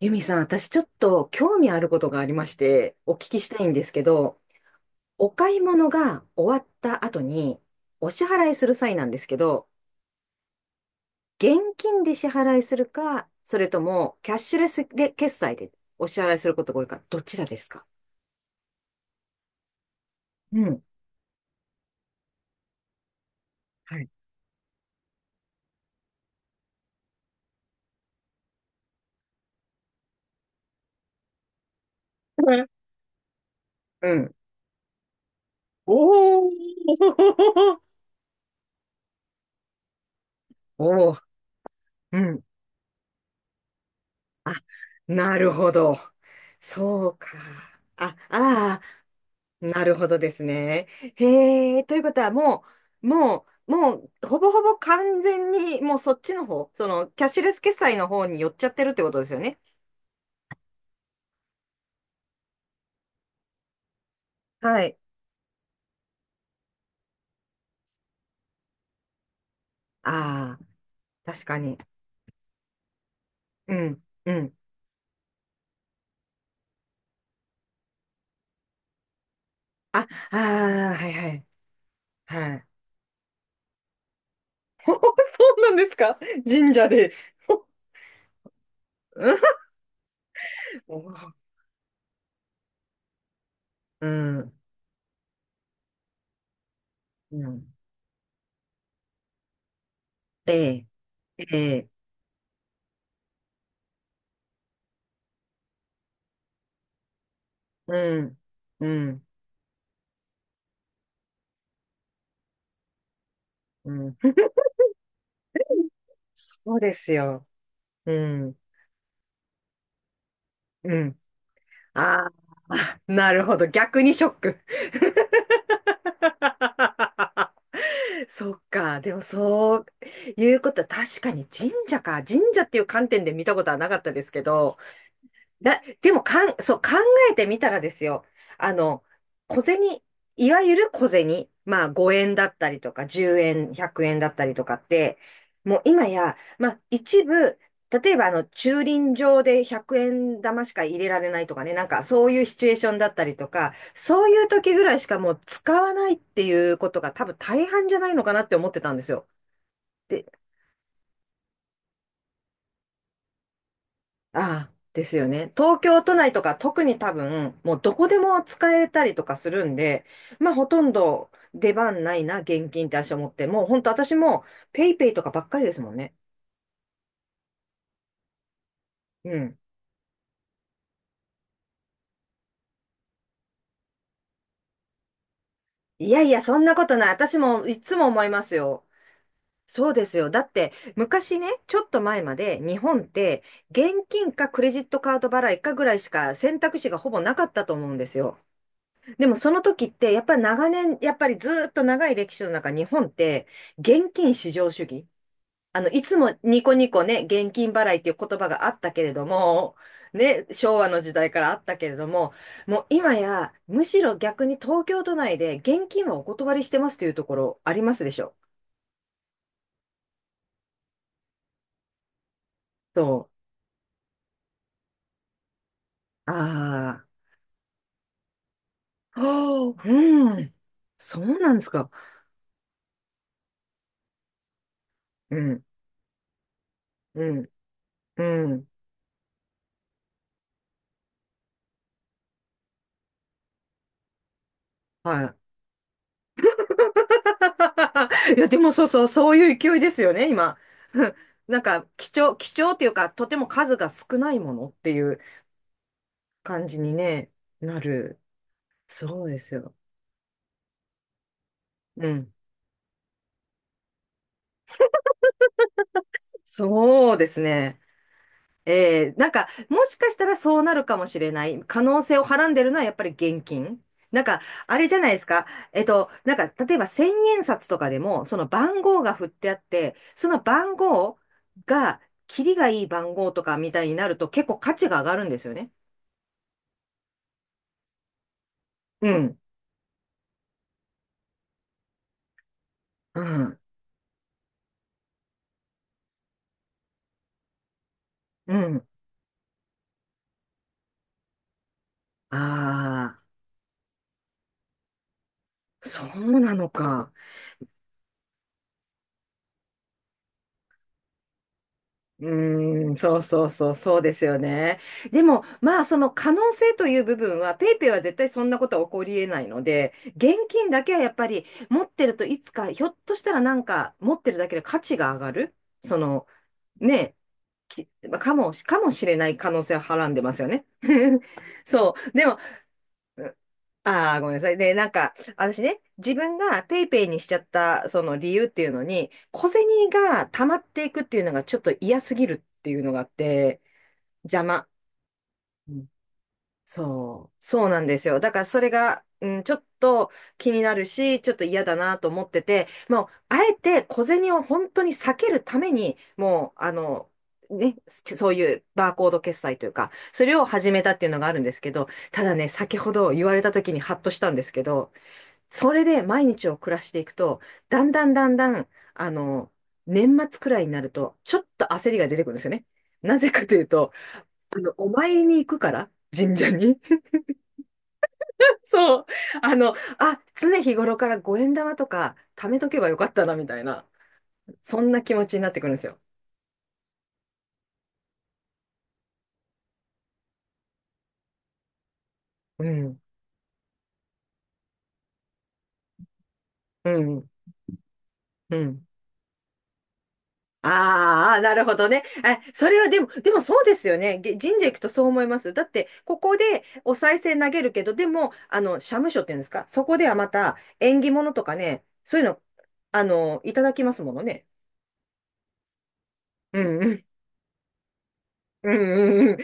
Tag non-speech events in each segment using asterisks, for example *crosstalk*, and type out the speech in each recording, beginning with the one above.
ユミさん、私ちょっと興味あることがありまして、お聞きしたいんですけど、お買い物が終わった後に、お支払いする際なんですけど、現金で支払いするか、それともキャッシュレスで決済でお支払いすることが多いか、どちらですか？うん。はい。*laughs* うん。おおー *laughs* おお、うん。あ、なるほど。そうか。あ、なるほどですね。へえ、ということはもう、ほぼほぼ完全に、もうそっちの方、その、キャッシュレス決済の方に寄っちゃってるってことですよね。はい。ああ、確かに。うん、うん。あ、ああ、はいはい、はい。*laughs* そうなんですか？神社で。*laughs* おーうん、うん。ええ、ええ、うん、うん、うん。*laughs* そうですよ。うん、うん。ああ、なるほど。逆にショック。*laughs* そっか。でもそういうこと、確かに神社か。神社っていう観点で見たことはなかったですけど、だ、でもかん、そう、考えてみたらですよ。あの、小銭、いわゆる小銭、まあ5円だったりとか10円、100円だったりとかって、もう今や、まあ一部、例えばあの駐輪場で100円玉しか入れられないとかね、なんかそういうシチュエーションだったりとか、そういう時ぐらいしかもう使わないっていうことが多分大半じゃないのかなって思ってたんですよ。でああ、ですよね。東京都内とか特に多分、もうどこでも使えたりとかするんで、まあほとんど出番ないな、現金って私は思って、もう本当私もペイペイとかばっかりですもんね。うん。いやいや、そんなことない。私もいつも思いますよ。そうですよ。だって、昔ね、ちょっと前まで日本って、現金かクレジットカード払いかぐらいしか選択肢がほぼなかったと思うんですよ。でもその時って、やっぱり長年、やっぱりずーっと長い歴史の中、日本って、現金至上主義。あの、いつもニコニコね、現金払いっていう言葉があったけれども、ね、昭和の時代からあったけれども、もう今や、むしろ逆に東京都内で現金はお断りしてますというところありますでしょ。そう。ああ、はあうん。そうなんですか。うん、うん、うん。はい。*laughs* いや、でもそうそう、そういう勢いですよね、今。なんか、貴重っていうか、とても数が少ないものっていう感じにね、なる。そうですよ。うん。そうですね。えー、なんか、もしかしたらそうなるかもしれない。可能性をはらんでるのはやっぱり現金。なんか、あれじゃないですか。えっと、なんか、例えば千円札とかでも、その番号が振ってあって、その番号が、キリがいい番号とかみたいになると結構価値が上がるんですよね。うん。うん。うん。ああ。そうなのか。うーん、そうそうそう、そうですよね。でも、まあ、その可能性という部分は、ペイペイは絶対そんなことは起こり得ないので、現金だけはやっぱり持ってるといつか、ひょっとしたらなんか持ってるだけで価値が上がる、その、ね、きまあかも、かもしれない可能性をはらんでますよね。*laughs* そう。でも、ああ、ごめんなさい。で、なんか、私ね、自分がペイペイにしちゃった、その理由っていうのに、小銭が溜まっていくっていうのがちょっと嫌すぎるっていうのがあって、邪魔。うんそう、そうなんですよ。だからそれが、うん、ちょっと気になるし、ちょっと嫌だなと思ってて、もう、あえて小銭を本当に避けるために、もう、あの、ね、そういうバーコード決済というか、それを始めたっていうのがあるんですけど、ただね、先ほど言われた時にハッとしたんですけど、それで毎日を暮らしていくと、だんだんだんだん、あの、年末くらいになると、ちょっと焦りが出てくるんですよね。なぜかというと、あの、お参りに行くから、神社に。*laughs* そう。あの、常日頃から五円玉とか貯めとけばよかったな、みたいな、そんな気持ちになってくるんですよ。うん、うん、うん。ああ、なるほどね。え、それはでも、でもそうですよね。神社行くとそう思います。だって、ここでお賽銭投げるけど、でも、あの、社務所っていうんですか、そこではまた縁起物とかね、そういうの、あの、いただきますものね。うんうん。うんうん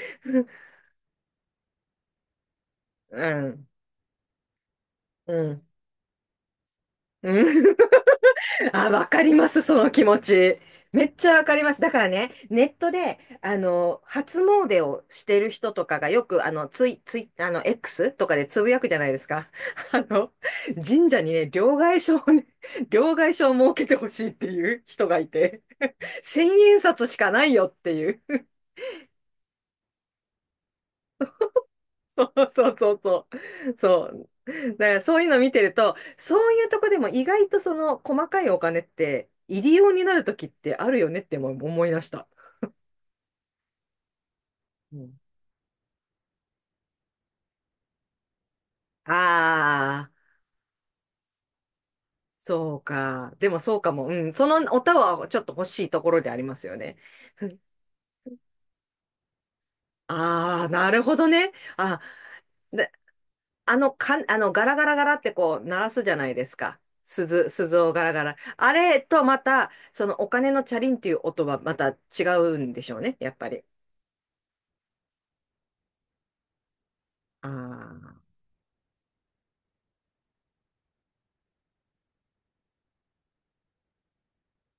うん。うん。うん。うん。*laughs* あ、わかります、その気持ち。めっちゃわかります。だからね、ネットで、あの、初詣をしてる人とかがよく、あの、ツイ、ツイ、あの、X とかでつぶやくじゃないですか。*laughs* あの、神社にね、両替所をね、*laughs* 両替所を設けてほしいっていう人がいて、千円札しかないよっていう。*laughs* そうそうそうそう。そう。だからそういうの見てると、そういうとこでも意外とその細かいお金って、入り用になるときってあるよねっても思い出した。ああ、そうか。でもそうかも。うん。そのおたはちょっと欲しいところでありますよね。ああ、なるほどね。あ、で、あの、ガラガラガラってこう、鳴らすじゃないですか。鈴をガラガラ。あれとまた、そのお金のチャリンっていう音はまた違うんでしょうね、やっぱり。ああ、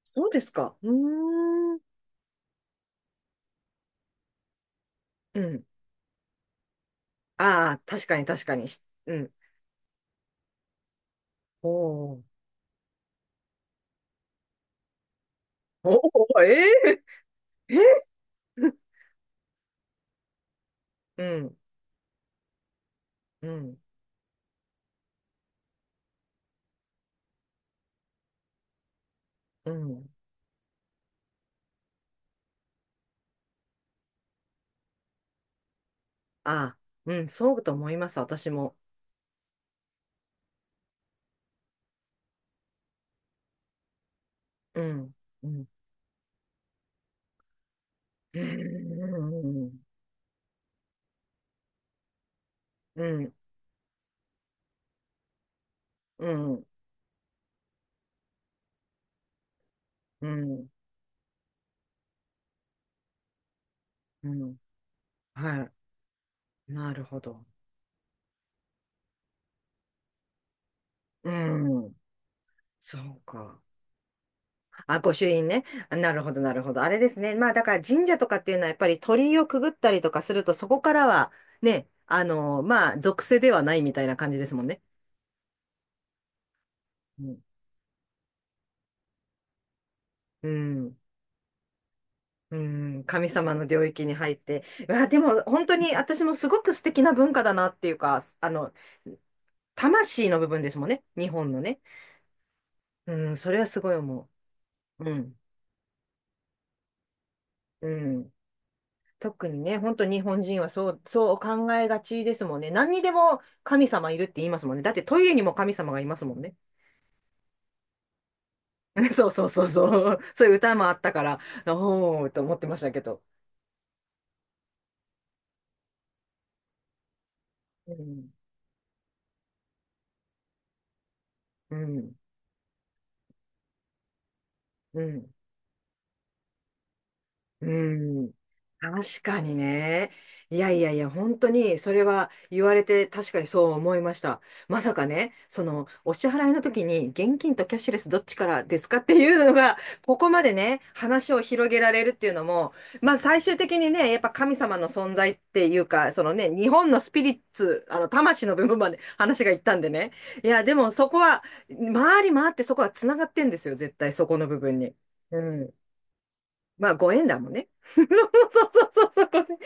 そうですか。うーん。うん。ああ、確かに確かに。しうん。おーおー、ええええうん、うん、うん。あ、うん、そうと思います、私も。うん、うん、うん、うん、うん、うん、うん、はい、なるほど。うん、そうか。あ、御朱印ね。なるほど、なるほど。あれですね。まあ、だから神社とかっていうのは、やっぱり鳥居をくぐったりとかすると、そこからは、ね、あの、まあ、属性ではないみたいな感じですもんね。うん、うんうん、神様の領域に入って。いでも本当に私もすごく素敵な文化だなっていうか、あの、魂の部分ですもんね。日本のね。うん、それはすごい思う。うん。うん。特にね、本当日本人はそう、そう考えがちですもんね。何にでも神様いるって言いますもんね。だってトイレにも神様がいますもんね。*laughs* そうそうそうそう。そういう歌もあったから、おーと思ってましたけど。うん。うん。うん。うん。確かにね。いやいやいや、本当に、それは言われて確かにそう思いました。まさかね、その、お支払いの時に、現金とキャッシュレスどっちからですかっていうのが、ここまでね、話を広げられるっていうのも、まあ最終的にね、やっぱ神様の存在っていうか、そのね、日本のスピリッツ、あの、魂の部分まで話がいったんでね。いや、でもそこは、回り回ってそこは繋がってんですよ、絶対そこの部分に。うん。まあ、ご縁だもんね。*laughs* そうそうそうそう、そう、小銭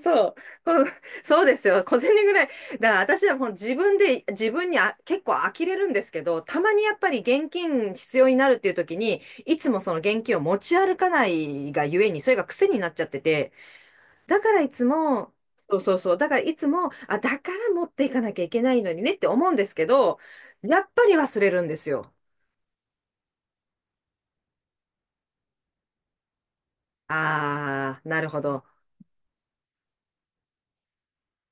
そう、このそうですよ、小銭ぐらい。だから私はもう自分で、自分に結構呆れるんですけど、たまにやっぱり現金必要になるっていう時に、いつもその現金を持ち歩かないがゆえに、それが癖になっちゃってて、だからいつも、そうそうそう、だからいつも、あ、だから持っていかなきゃいけないのにねって思うんですけど、やっぱり忘れるんですよ。あー、なるほど。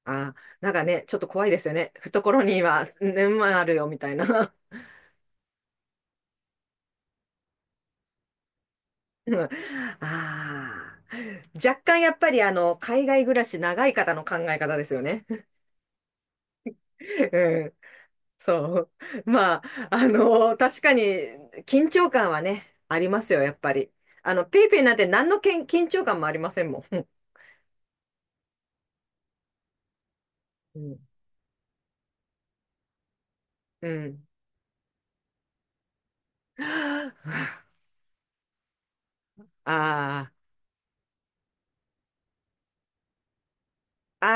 あ、なんかね、ちょっと怖いですよね。懐には年万ああるよ、みたいな。*laughs* うんああ、若干やっぱりあの、海外暮らし長い方の考え方ですよね。*laughs* うん、そう。まあ、あの、確かに緊張感はね、ありますよ、やっぱり。あの、ペイペイなんて何の緊張感もありませんもん。うん。うんああ、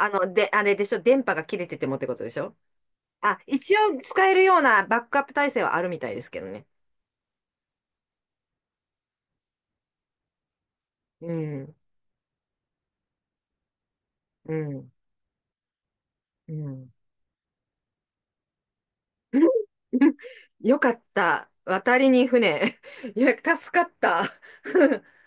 ああ、あの、で、あれでしょ、電波が切れててもってことでしょ？あ、一応使えるようなバックアップ体制はあるみたいですけどね。うん、うん、うん。*laughs* よかった。渡りに船。*laughs* いや、助かった。*laughs*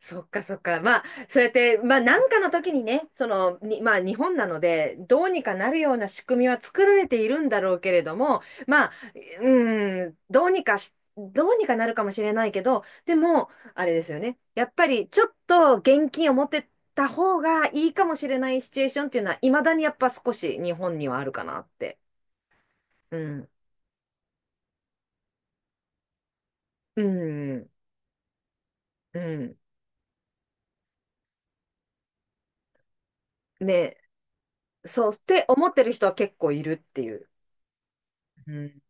そっかそっか。まあ、そうやって、まあ、なんかの時にね、その、に、まあ、日本なので、どうにかなるような仕組みは作られているんだろうけれども、まあ、うん、どうにかなるかもしれないけど、でも、あれですよね。やっぱり、ちょっと現金を持ってった方がいいかもしれないシチュエーションっていうのは、未だにやっぱ少し日本にはあるかなって。うん、うん、うん。ね、そうって思ってる人は結構いるっていう。うん